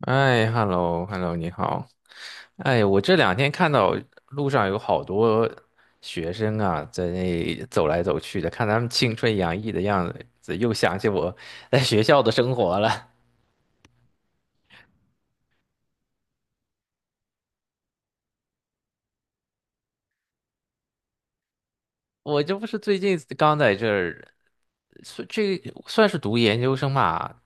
哎，hello，hello，你好。哎，我这两天看到路上有好多学生啊，在那走来走去的，看他们青春洋溢的样子，又想起我在学校的生活了。我这不是最近刚在这儿，算这算是读研究生吧？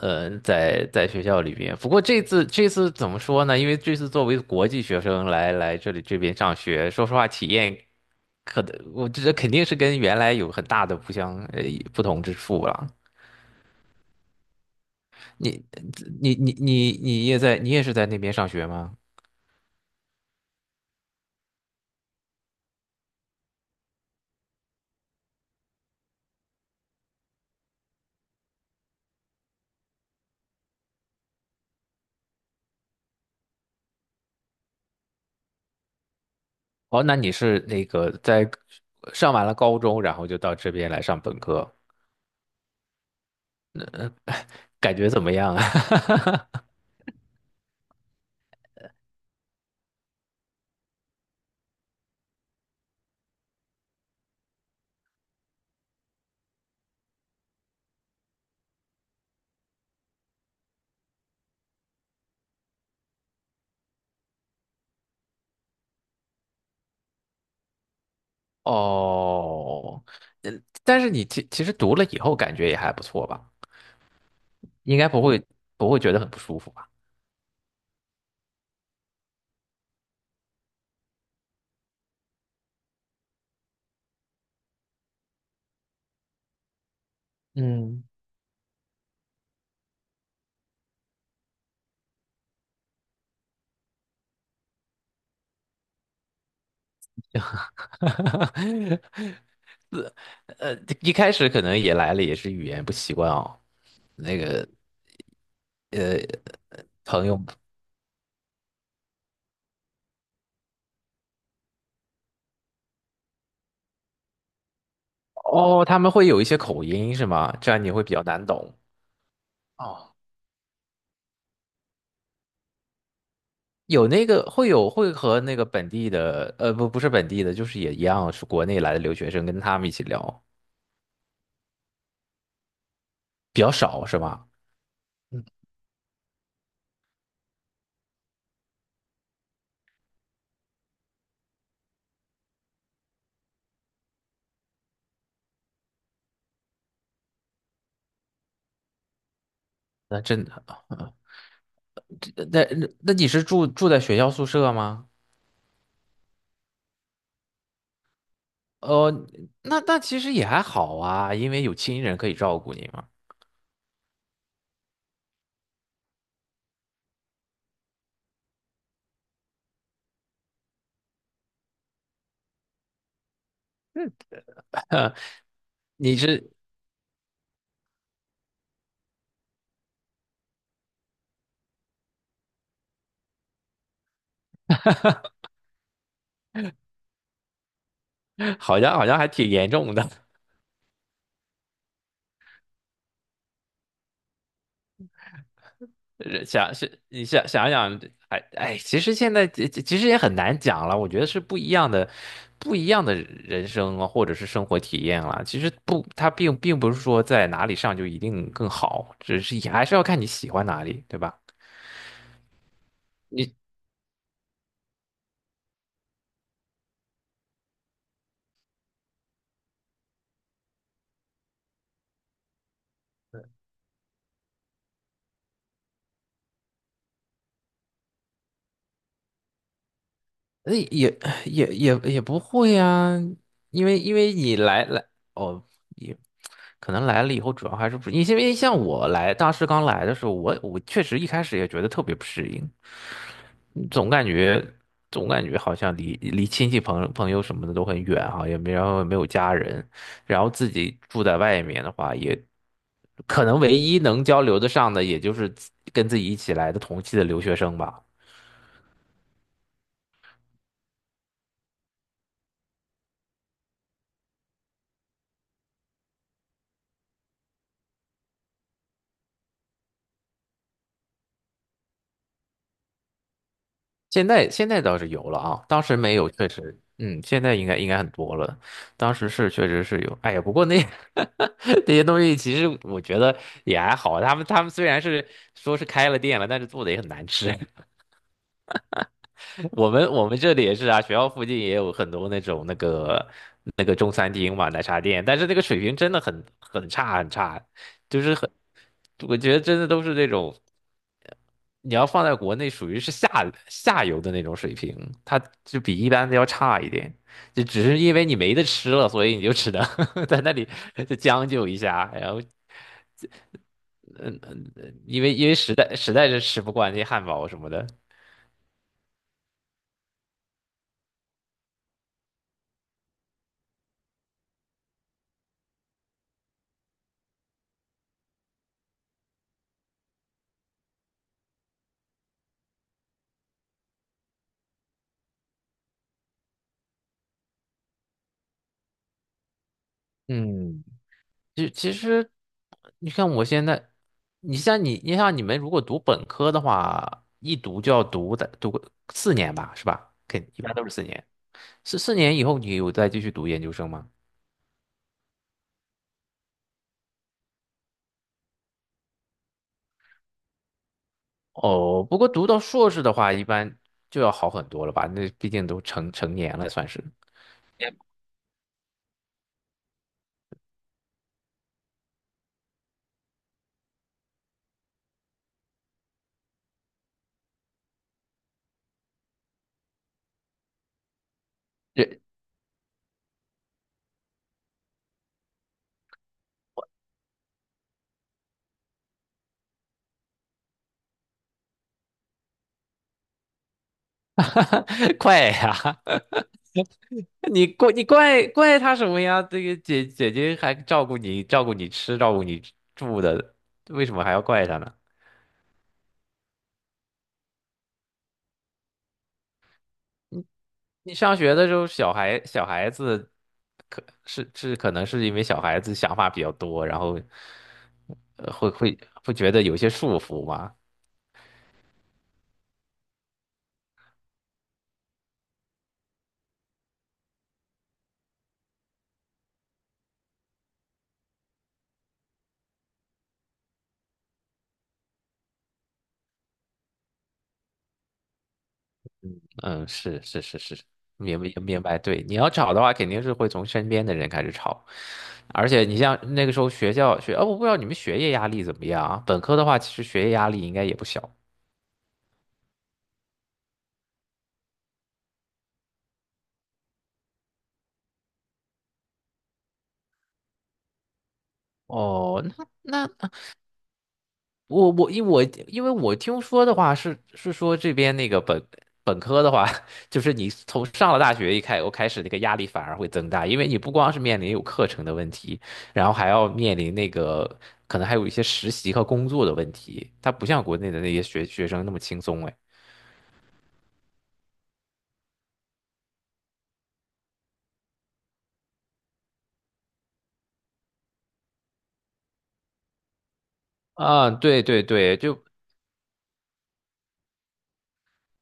在学校里边。不过这次怎么说呢？因为这次作为国际学生来这边上学，说实话体验。可能我觉得肯定是跟原来有很大的不同之处了。你你也是在那边上学吗？哦，那你是在上完了高中，然后就到这边来上本科，感觉怎么样啊？哦，呃但是你其实读了以后感觉也还不错吧？应该不会觉得很不舒服吧？嗯。呃，一开始可能也来了，也是语言不习惯哦。那个朋友，哦，他们会有一些口音是吗？这样你会比较难懂。哦，有那个会有会和那个本地的，不是本地的，就是也一样是国内来的留学生，跟他们一起聊比较少是吗？嗯，那真的，那你是住在学校宿舍吗？哦，那其实也还好啊，因为有亲人可以照顾你嘛。你是好像还挺严重的。想是你想想，哎哎，其实现在其实也很难讲了。我觉得是不一样的，不一样的人生啊，或者是生活体验了。其实不，它并不是说在哪里上就一定更好，只是也还是要看你喜欢哪里，对吧？你那也不会啊，因为你来哦，也可能来了以后，主要还是不，因为像我来当时刚来的时候，我确实一开始也觉得特别不适应。总感觉总感觉好像离亲戚朋友什么的都很远哈，也没然后也没有家人，然后自己住在外面的话，也可能唯一能交流的上的，也就是自跟自己一起来的同期的留学生吧。现在倒是有了啊，当时没有，确实，嗯，现在应该很多了。当时是确实是有，哎呀，不过那 那些东西其实我觉得也还好，他们虽然是说是开了店了，但是做的也很难吃。我们这里也是啊，学校附近也有很多那种那个中餐厅嘛，奶茶店，但是那个水平真的很差很差，就是很，我觉得真的都是那种你要放在国内属于是下游的那种水平，它就比一般的要差一点，就只是因为你没得吃了，所以你就只能 在那里就将就一下，然后嗯嗯，因为因为实在是吃不惯那些汉堡什么的。嗯，就其实，你看我现在，你像你们如果读本科的话，一读就要读个四年吧，是吧？一般都是四年。四年以后，你有再继续读研究生吗？哦，不过读到硕士的话，一般就要好很多了吧？那毕竟都成年了，算是。也怪 呀！你怪他什么呀？这个姐姐还照顾你，照顾你吃，照顾你住的，为什么还要怪他呢？你上学的时候，小孩子可能是因为小孩子想法比较多，然后呃会会会觉得有些束缚吗？嗯，是是是是，明白明白。对，你要吵的话，肯定是会从身边的人开始吵，而且你像那个时候学校，哦，我不知道你们学业压力怎么样啊？本科的话，其实学业压力应该也不小。哦，那那我因为我听说的话是说这边那个本科的话，就是你从上了大学一开我开始那个压力反而会增大，因为你不光是面临有课程的问题，然后还要面临那个可能还有一些实习和工作的问题，它不像国内的那些学生那么轻松哎。啊，对对对，就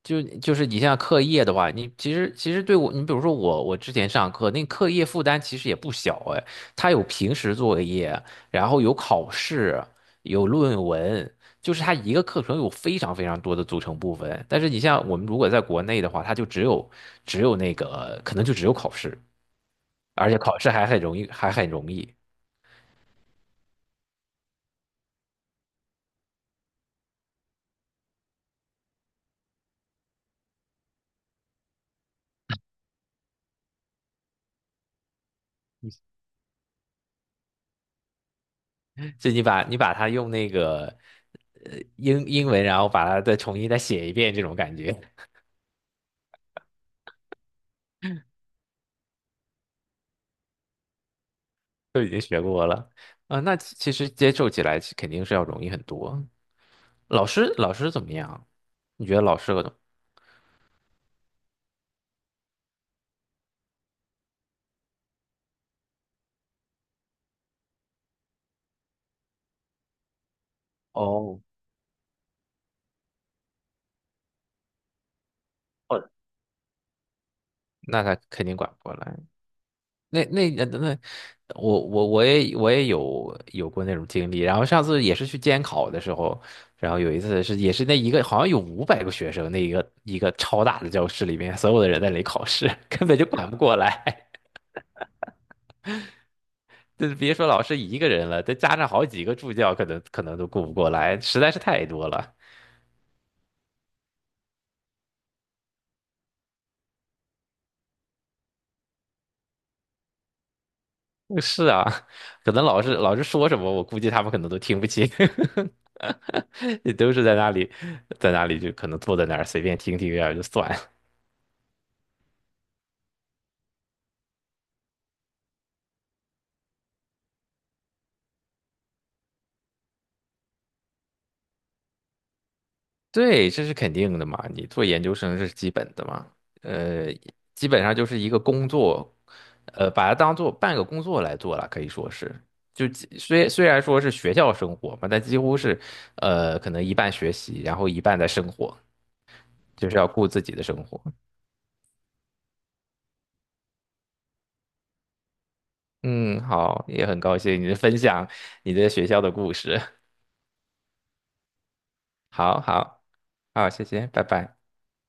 就就是你像课业的话，你其实对我，你比如说我，我之前上课那课业负担其实也不小哎，它有平时作业，然后有考试，有论文，就是它一个课程有非常非常多的组成部分。但是你像我们如果在国内的话，它就只有那个可能就只有考试，而且考试还很容易，还很容易，就你把你把它用那个英文，然后把它再重新再写一遍这种感觉。呃，那其实接受起来肯定是要容易很多。老师，老师怎么样？你觉得老师和哦，哦，那他肯定管不过来。那我也有过那种经历。然后上次也是去监考的时候，然后有一次是也是那一个好像有500个学生，那一个超大的教室里面，所有的人在那里考试，根本就管不过来。就是别说老师一个人了，再加上好几个助教，可能都顾不过来，实在是太多了。是啊，可能老师说什么，我估计他们可能都听不清，也都是在那里，在那里就可能坐在那儿随便听听然后就算。对，这是肯定的嘛，你做研究生是基本的嘛，呃，基本上就是一个工作，把它当做半个工作来做了，可以说是，就虽然说是学校生活嘛，但几乎是，可能一半学习，然后一半在生活，就是要顾自己的生活。嗯，好，也很高兴你的分享，你的学校的故事。好好好，谢谢，拜拜。